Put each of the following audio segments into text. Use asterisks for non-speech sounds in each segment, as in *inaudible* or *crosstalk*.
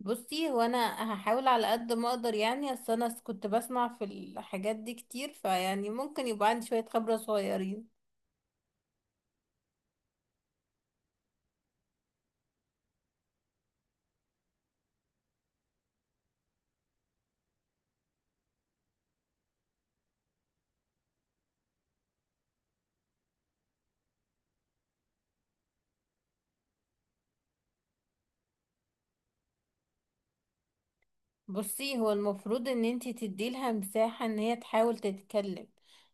بصي، هو انا هحاول على قد ما اقدر. يعني اصل كنت بسمع في الحاجات دي كتير، فيعني ممكن يبقى عندي شوية خبرة صغيرين. بصي، هو المفروض ان انتي تديلها مساحة ان هي تحاول تتكلم.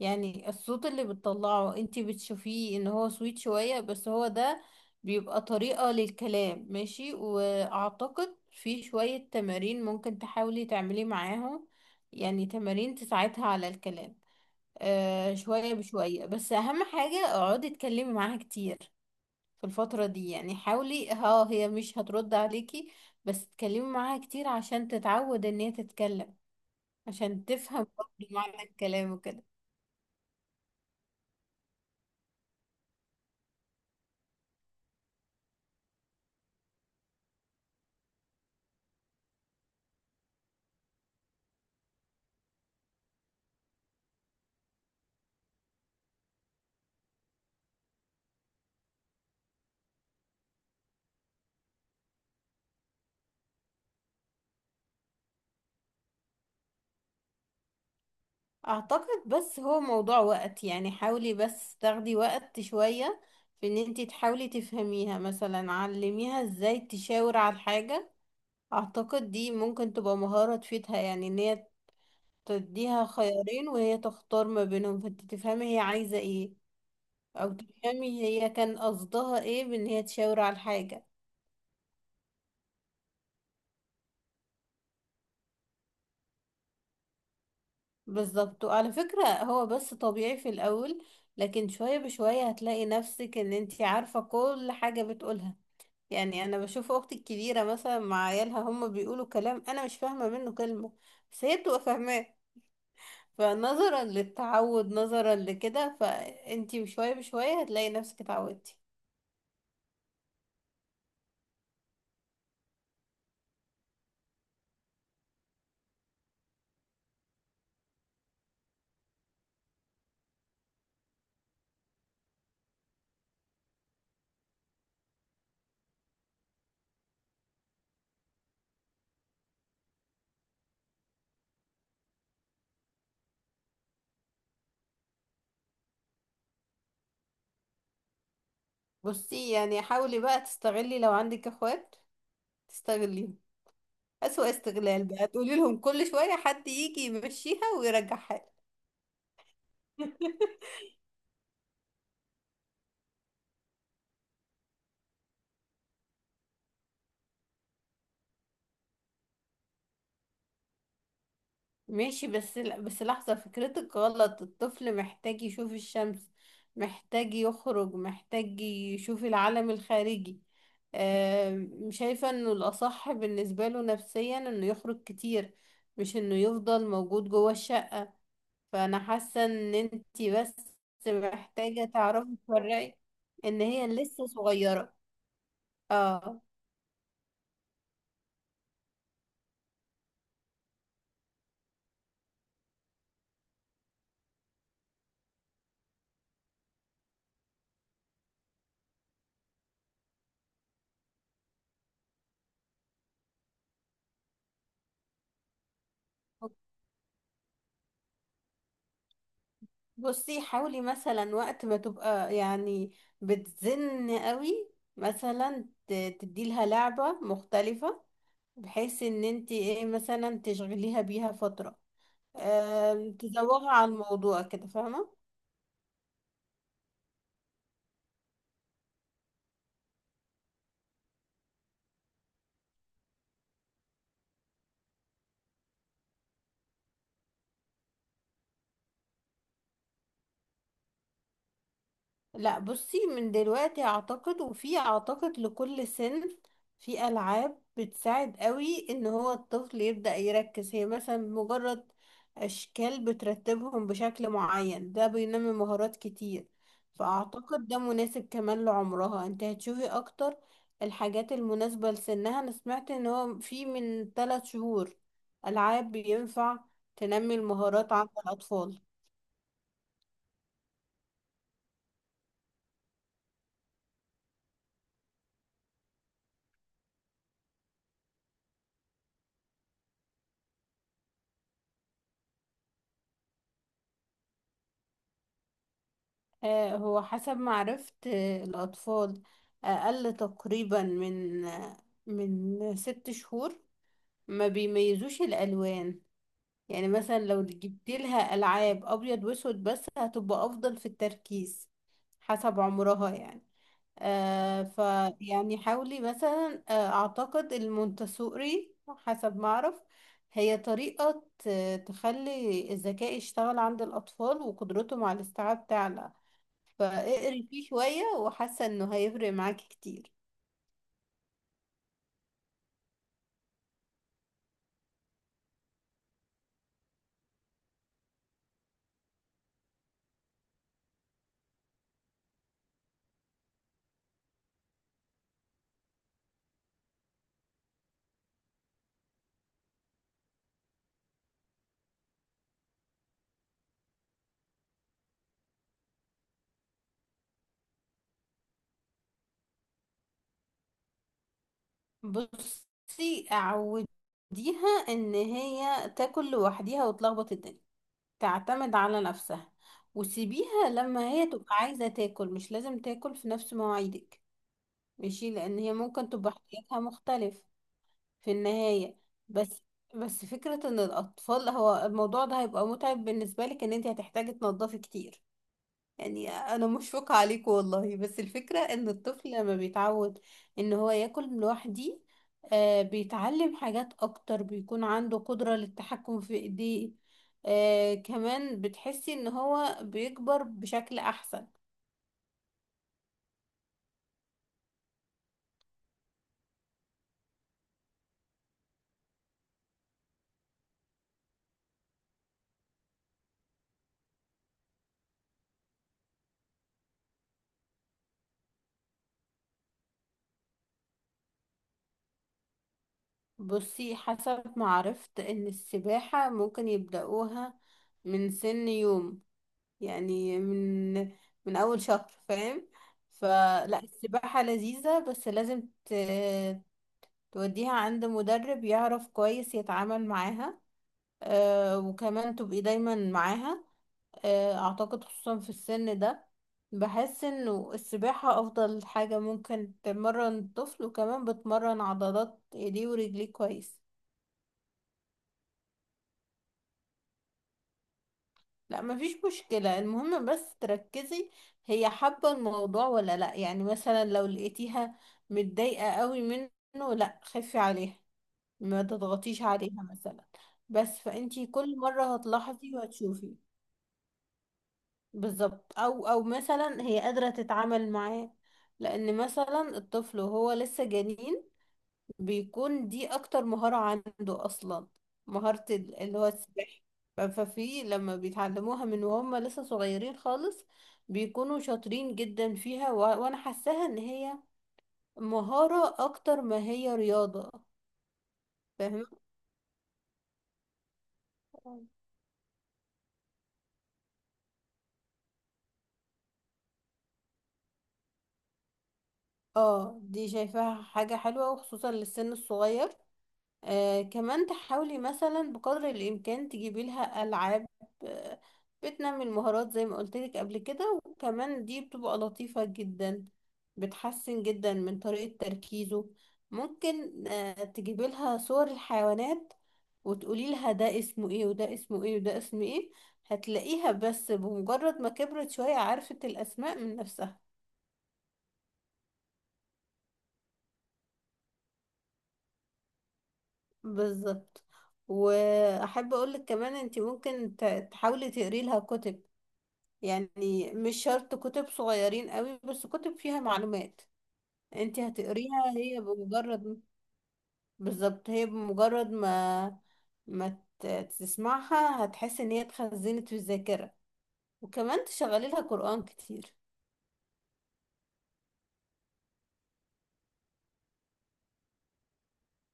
يعني الصوت اللي بتطلعه انتي بتشوفيه ان هو سويت شوية، بس هو ده بيبقى طريقة للكلام. ماشي. واعتقد في شوية تمارين ممكن تحاولي تعملي معاهم، يعني تمارين تساعدها على الكلام. شوية بشوية. بس أهم حاجة اقعدي اتكلمي معاها كتير في الفترة دي. يعني حاولي، ها هي مش هترد عليكي، بس اتكلمي معاها كتير عشان تتعود ان هي تتكلم، عشان تفهم برضه معنى الكلام وكده. اعتقد بس هو موضوع وقت. يعني حاولي بس تاخدي وقت شوية في ان انتي تحاولي تفهميها. مثلا علميها ازاي تشاور على الحاجة. اعتقد دي ممكن تبقى مهارة تفيدها، يعني ان هي تديها خيارين وهي تختار ما بينهم، فانت تفهمي هي عايزة ايه، او تفهمي هي كان قصدها ايه بان هي تشاور على الحاجة. بالظبط. وعلى فكرة، هو بس طبيعي في الاول، لكن شوية بشوية هتلاقي نفسك ان انت عارفة كل حاجة بتقولها. يعني انا بشوف اختي الكبيرة مثلا مع عيالها، هم بيقولوا كلام انا مش فاهمة منه كلمة، بس هي بتبقى فاهماه. فنظرا للتعود، نظرا لكده، فانتي شوية بشوية هتلاقي نفسك اتعودتي. بصي، يعني حاولي بقى تستغلي لو عندك اخوات. تستغليهم اسوأ استغلال، بقى تقولي لهم كل شوية حد يجي يمشيها ويرجعها. *laughs* ماشي. بس لا، بس لحظة، فكرتك غلط. الطفل محتاج يشوف الشمس، محتاج يخرج، محتاج يشوف العالم الخارجي. شايفة انه الأصح بالنسبة له نفسيا انه يخرج كتير، مش انه يفضل موجود جوه الشمس. فانا حاسه ان انتي بس محتاجه تعرفي تفرقي ان هي لسه صغيره. اه. بصي حاولي مثلا وقت ما تبقى يعني بتزن قوي، مثلا تديلها لعبه مختلفه، بحيث ان انتي ايه، مثلا تشغليها بيها فتره، تزوغها عن الموضوع كده، فاهمه. لا، بصي، من دلوقتي اعتقد. وفي اعتقد لكل سن في العاب بتساعد قوي ان هو الطفل يبدأ يركز. هي مثلا مجرد اشكال بترتبهم بشكل معين، ده بينمي مهارات كتير. فاعتقد ده مناسب كمان لعمرها. انت هتشوفي اكتر الحاجات المناسبة لسنها. انا سمعت ان هو في من 3 شهور العاب بينفع تنمي المهارات عند الاطفال. هو حسب ما عرفت الأطفال أقل تقريبا من من 6 شهور ما بيميزوش الألوان. يعني مثلا لو جبت لها ألعاب أبيض وأسود بس، هتبقى أفضل في التركيز حسب عمرها. يعني فيعني حاولي مثلا. أعتقد المونتسوري حسب ما أعرف هي طريقة تخلي الذكاء يشتغل عند الأطفال وقدرتهم على الاستيعاب تعلى. فاقري فيه شوية، وحاسة انه هيفرق معاكي كتير. بصي، عوديها ان هي تاكل لوحديها وتلخبط الدنيا، تعتمد على نفسها. وسيبيها لما هي تبقى عايزة تاكل، مش لازم تاكل في نفس مواعيدك. ماشي. لان هي ممكن تبقى احتياجها مختلف في النهاية. بس بس فكرة ان الاطفال، هو الموضوع ده هيبقى متعب بالنسبة لك، ان انت هتحتاجي تنضفي كتير. يعني انا مشفقة عليكم والله. بس الفكرة ان الطفل لما بيتعود ان هو ياكل لوحدي، بيتعلم حاجات اكتر، بيكون عنده قدرة للتحكم في ايديه، كمان بتحسي ان هو بيكبر بشكل احسن. بصي، حسب ما عرفت ان السباحة ممكن يبدأوها من سن يوم. يعني من اول شهر، فاهم. فلا، السباحة لذيذة، بس لازم توديها عند مدرب يعرف كويس يتعامل معاها. وكمان تبقي دايما معاها. اعتقد خصوصا في السن ده بحس انه السباحة افضل حاجة ممكن تمرن الطفل، وكمان بتمرن عضلات ايديه ورجليه كويس. لا، مفيش مشكلة. المهم بس تركزي هي حابة الموضوع ولا لا. يعني مثلا لو لقيتيها متضايقة قوي منه، لا، خفي عليها، ما تضغطيش عليها مثلا. بس فانتي كل مرة هتلاحظي وهتشوفي. بالظبط. او مثلا هي قادرة تتعامل معاه. لان مثلا الطفل وهو لسه جنين، بيكون دي اكتر مهارة عنده اصلا، مهارة اللي هو السباحة. ففي لما بيتعلموها من وهم لسه صغيرين خالص بيكونوا شاطرين جدا فيها و... وانا حاساها ان هي مهارة اكتر ما هي رياضة، فاهمة. اه، دي شايفاها حاجة حلوة، وخصوصا للسن الصغير. كمان تحاولي مثلا بقدر الإمكان تجيبي لها ألعاب آه بتنمي المهارات زي ما قلت لك قبل كده. وكمان دي بتبقى لطيفة جدا، بتحسن جدا من طريقة تركيزه. ممكن تجيبي لها صور الحيوانات وتقولي لها ده اسمه ايه وده اسمه ايه وده اسمه ايه. هتلاقيها بس بمجرد ما كبرت شوية عرفت الأسماء من نفسها. بالظبط. واحب اقولك كمان انت ممكن تحاولي تقري لها كتب، يعني مش شرط كتب صغيرين قوي، بس كتب فيها معلومات انت هتقريها. هي بمجرد، بالظبط، هي بمجرد ما تسمعها، هتحس ان هي اتخزنت في الذاكرة. وكمان تشغلي لها قرآن كتير.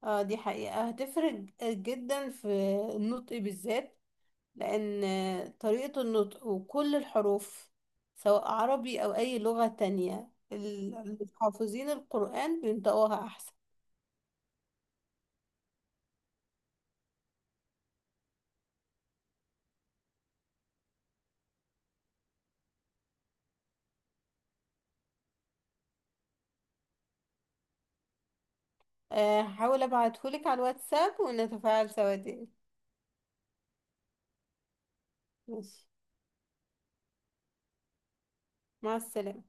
اه، دي حقيقة هتفرق جدا في النطق بالذات. لأن طريقة النطق وكل الحروف، سواء عربي أو أي لغة تانية، اللي حافظين القرآن بينطقوها أحسن. هحاول أبعتهولك على الواتساب ونتفاعل سوا دي. ماشي. مع السلامة.